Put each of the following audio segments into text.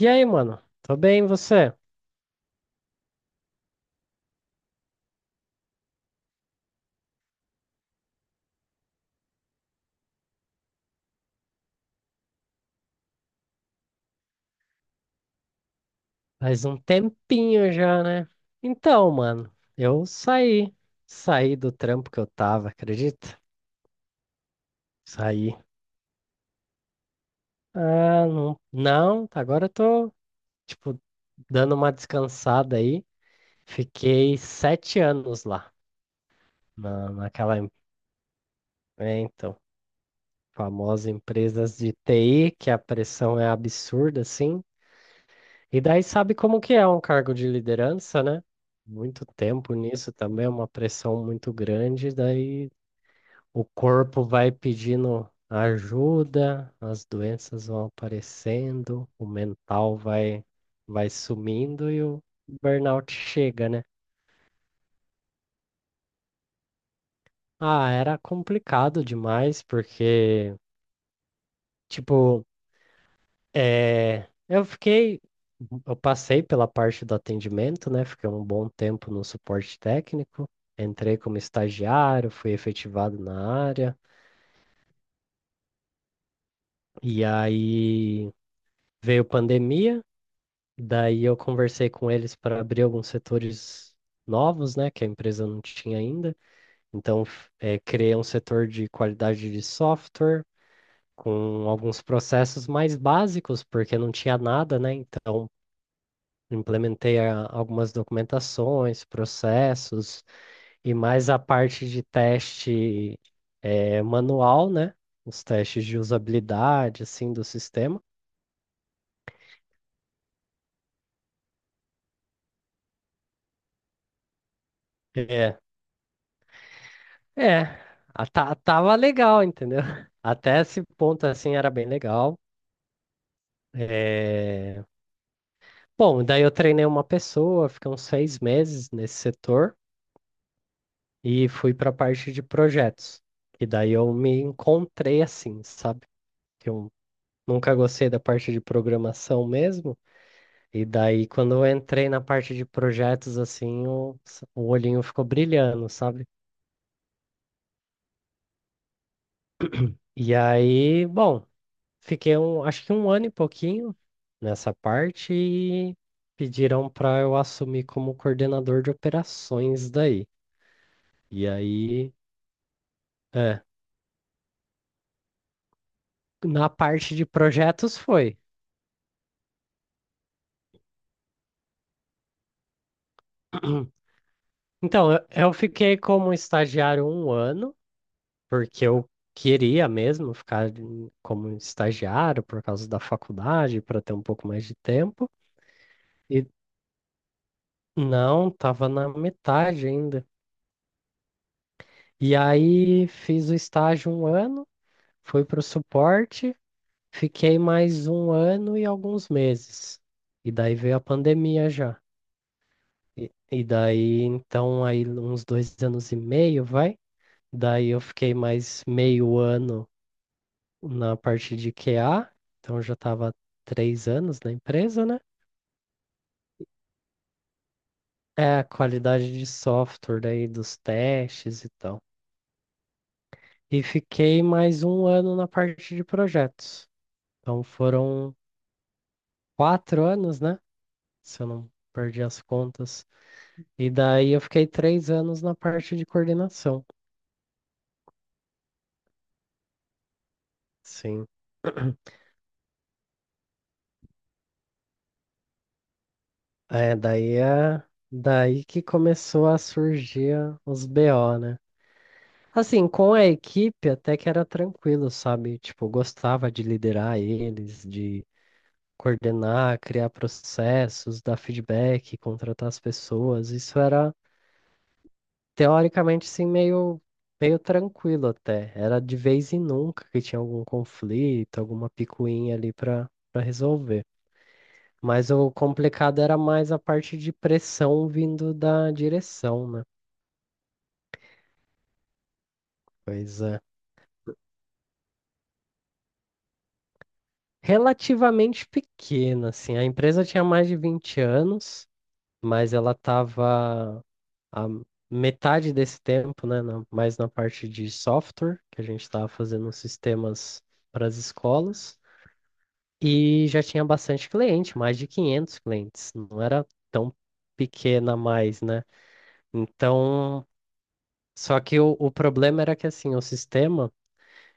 E aí, mano? Tô bem, e você? Faz um tempinho já, né? Então, mano, eu saí. Saí do trampo que eu tava, acredita? Saí. Ah, não. Não, agora eu tô, tipo, dando uma descansada aí. Fiquei 7 anos lá, naquela, é, então, famosa empresas de TI, que a pressão é absurda, assim. E daí sabe como que é um cargo de liderança, né? Muito tempo nisso também, é uma pressão muito grande, daí o corpo vai pedindo ajuda, as doenças vão aparecendo, o mental vai sumindo e o burnout chega, né? Ah, era complicado demais porque tipo, É, eu fiquei, eu passei pela parte do atendimento, né? Fiquei um bom tempo no suporte técnico, entrei como estagiário, fui efetivado na área, e aí veio pandemia, daí eu conversei com eles para abrir alguns setores novos, né? Que a empresa não tinha ainda. Então, criei um setor de qualidade de software. Com alguns processos mais básicos, porque não tinha nada, né? Então, implementei algumas documentações, processos e mais a parte de teste manual, né? Os testes de usabilidade, assim, do sistema. É, é, tava legal, entendeu? Até esse ponto, assim, era bem legal. É, bom, daí eu treinei uma pessoa, fiquei uns 6 meses nesse setor e fui para a parte de projetos. E daí eu me encontrei assim, sabe? Que eu Nunca gostei da parte de programação mesmo. E daí, quando eu entrei na parte de projetos, assim, o olhinho ficou brilhando, sabe? E aí, bom, fiquei um, acho que um ano e pouquinho nessa parte e pediram para eu assumir como coordenador de operações daí. E aí, é, na parte de projetos foi. Então, eu fiquei como estagiário um ano, porque eu queria mesmo ficar como estagiário por causa da faculdade, para ter um pouco mais de tempo. E não, estava na metade ainda. E aí fiz o estágio um ano, fui para o suporte, fiquei mais um ano e alguns meses. E daí veio a pandemia já. E daí, então, aí uns 2 anos e meio, vai. Daí eu fiquei mais meio ano na parte de QA, então eu já estava 3 anos na empresa, né? É, a qualidade de software daí dos testes e tal. E fiquei mais um ano na parte de projetos. Então foram 4 anos, né? Se eu não perdi as contas. E daí eu fiquei 3 anos na parte de coordenação. Sim. É, daí que começou a surgir os BO, né? Assim, com a equipe até que era tranquilo, sabe? Tipo, eu gostava de liderar eles, de coordenar, criar processos, dar feedback, contratar as pessoas. Isso era, teoricamente, sim, meio tranquilo até. Era de vez em nunca que tinha algum conflito, alguma picuinha ali para resolver. Mas o complicado era mais a parte de pressão vindo da direção, né? Pois é. Relativamente pequena, assim. A empresa tinha mais de 20 anos, mas ela estava a metade desse tempo, né, na- mais na parte de software, que a gente estava fazendo sistemas para as escolas, e já tinha bastante cliente, mais de 500 clientes. Não era tão pequena mais, né? Então, só que o problema era que, assim, o sistema,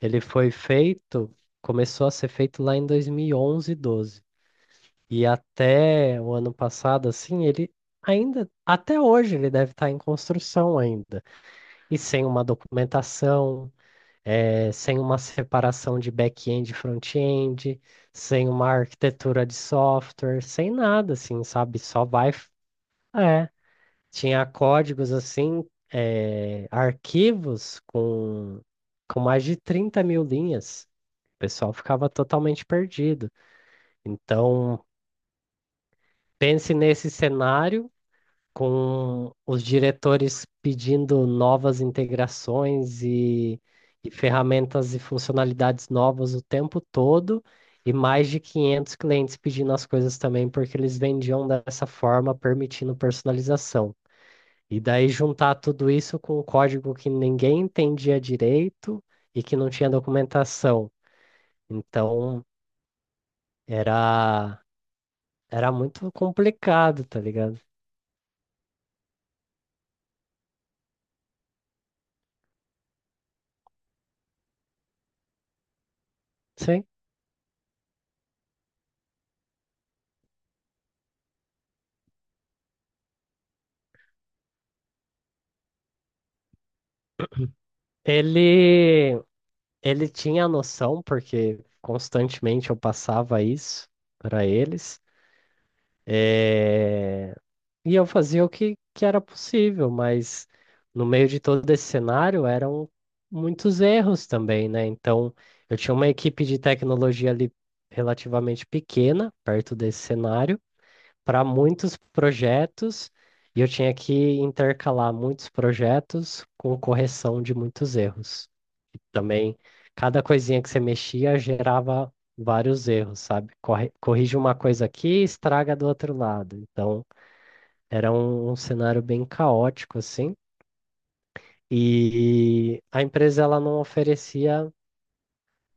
ele foi feito, começou a ser feito lá em 2011, 12. E até o ano passado, assim, ele ainda, até hoje, ele deve estar em construção ainda. E sem uma documentação, sem uma separação de back-end e front-end, sem uma arquitetura de software, sem nada, assim, sabe? Só vai. É, tinha códigos, assim, arquivos com mais de 30 mil linhas. O pessoal ficava totalmente perdido. Então, pense nesse cenário com os diretores pedindo novas integrações e ferramentas e funcionalidades novas o tempo todo, e mais de 500 clientes pedindo as coisas também, porque eles vendiam dessa forma, permitindo personalização. E daí juntar tudo isso com um código que ninguém entendia direito e que não tinha documentação. Então, era, era muito complicado, tá ligado? Sim. Ele, Ele tinha a noção, porque constantemente eu passava isso para eles, eh, e eu fazia o que era possível, mas no meio de todo esse cenário eram muitos erros também, né? Então eu tinha uma equipe de tecnologia ali relativamente pequena, perto desse cenário para muitos projetos e eu tinha que intercalar muitos projetos com correção de muitos erros. E também, cada coisinha que você mexia gerava vários erros, sabe? Corrige uma coisa aqui e estraga do outro lado. Então, era um cenário bem caótico, assim. E a empresa ela não oferecia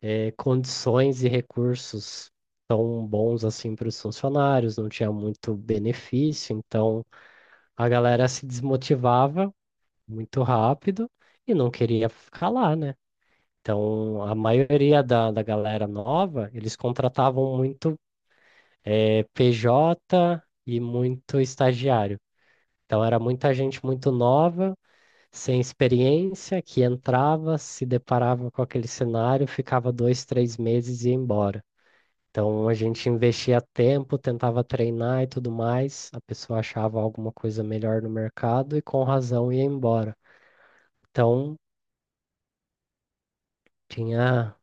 condições e recursos tão bons assim para os funcionários, não tinha muito benefício, então a galera se desmotivava muito rápido e não queria ficar lá, né? Então, a maioria da galera nova, eles contratavam muito PJ e muito estagiário. Então, era muita gente muito nova, sem experiência, que entrava, se deparava com aquele cenário, ficava 2, 3 meses e ia embora. Então, a gente investia tempo, tentava treinar e tudo mais. A pessoa achava alguma coisa melhor no mercado e, com razão, ia embora. Então, tinha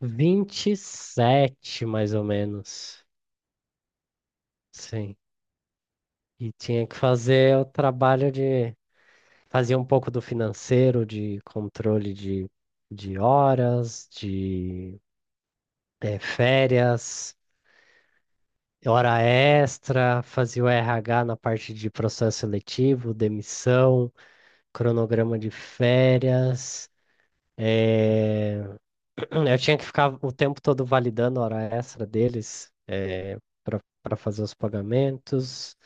27, mais ou menos. Sim. E tinha que fazer o trabalho de fazer um pouco do financeiro, de controle de horas, de férias, hora extra, fazia o RH na parte de processo seletivo, demissão, cronograma de férias. eh, Eu tinha que ficar o tempo todo validando a hora extra deles para fazer os pagamentos.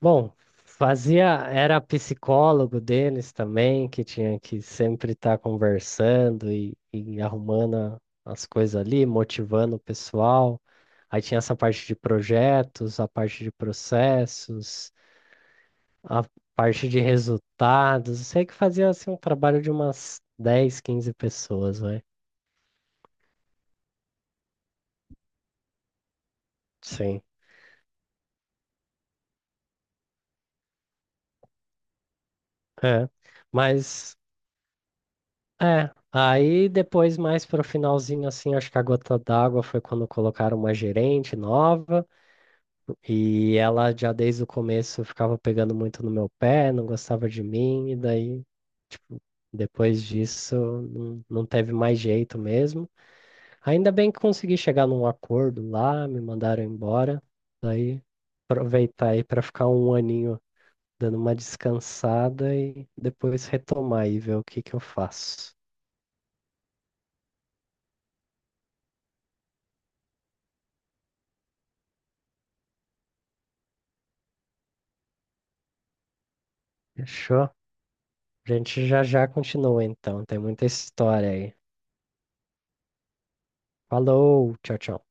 Bom, fazia, era psicólogo deles também, que tinha que sempre estar conversando e arrumando as coisas ali, motivando o pessoal. Aí tinha essa parte de projetos, a parte de processos, a parte de resultados. Eu sei que fazia assim um trabalho de umas 10, 15 pessoas, vai. Sim. É. Mas é, aí depois, mais pro finalzinho, assim, acho que a gota d'água foi quando colocaram uma gerente nova e ela já desde o começo ficava pegando muito no meu pé, não gostava de mim, e daí, tipo, depois disso não, não teve mais jeito mesmo. Ainda bem que consegui chegar num acordo lá, me mandaram embora, daí aproveitar aí pra ficar um aninho dando uma descansada e depois retomar e ver o que que eu faço. Fechou? A gente já continua então, tem muita história aí. Falou, tchau, tchau.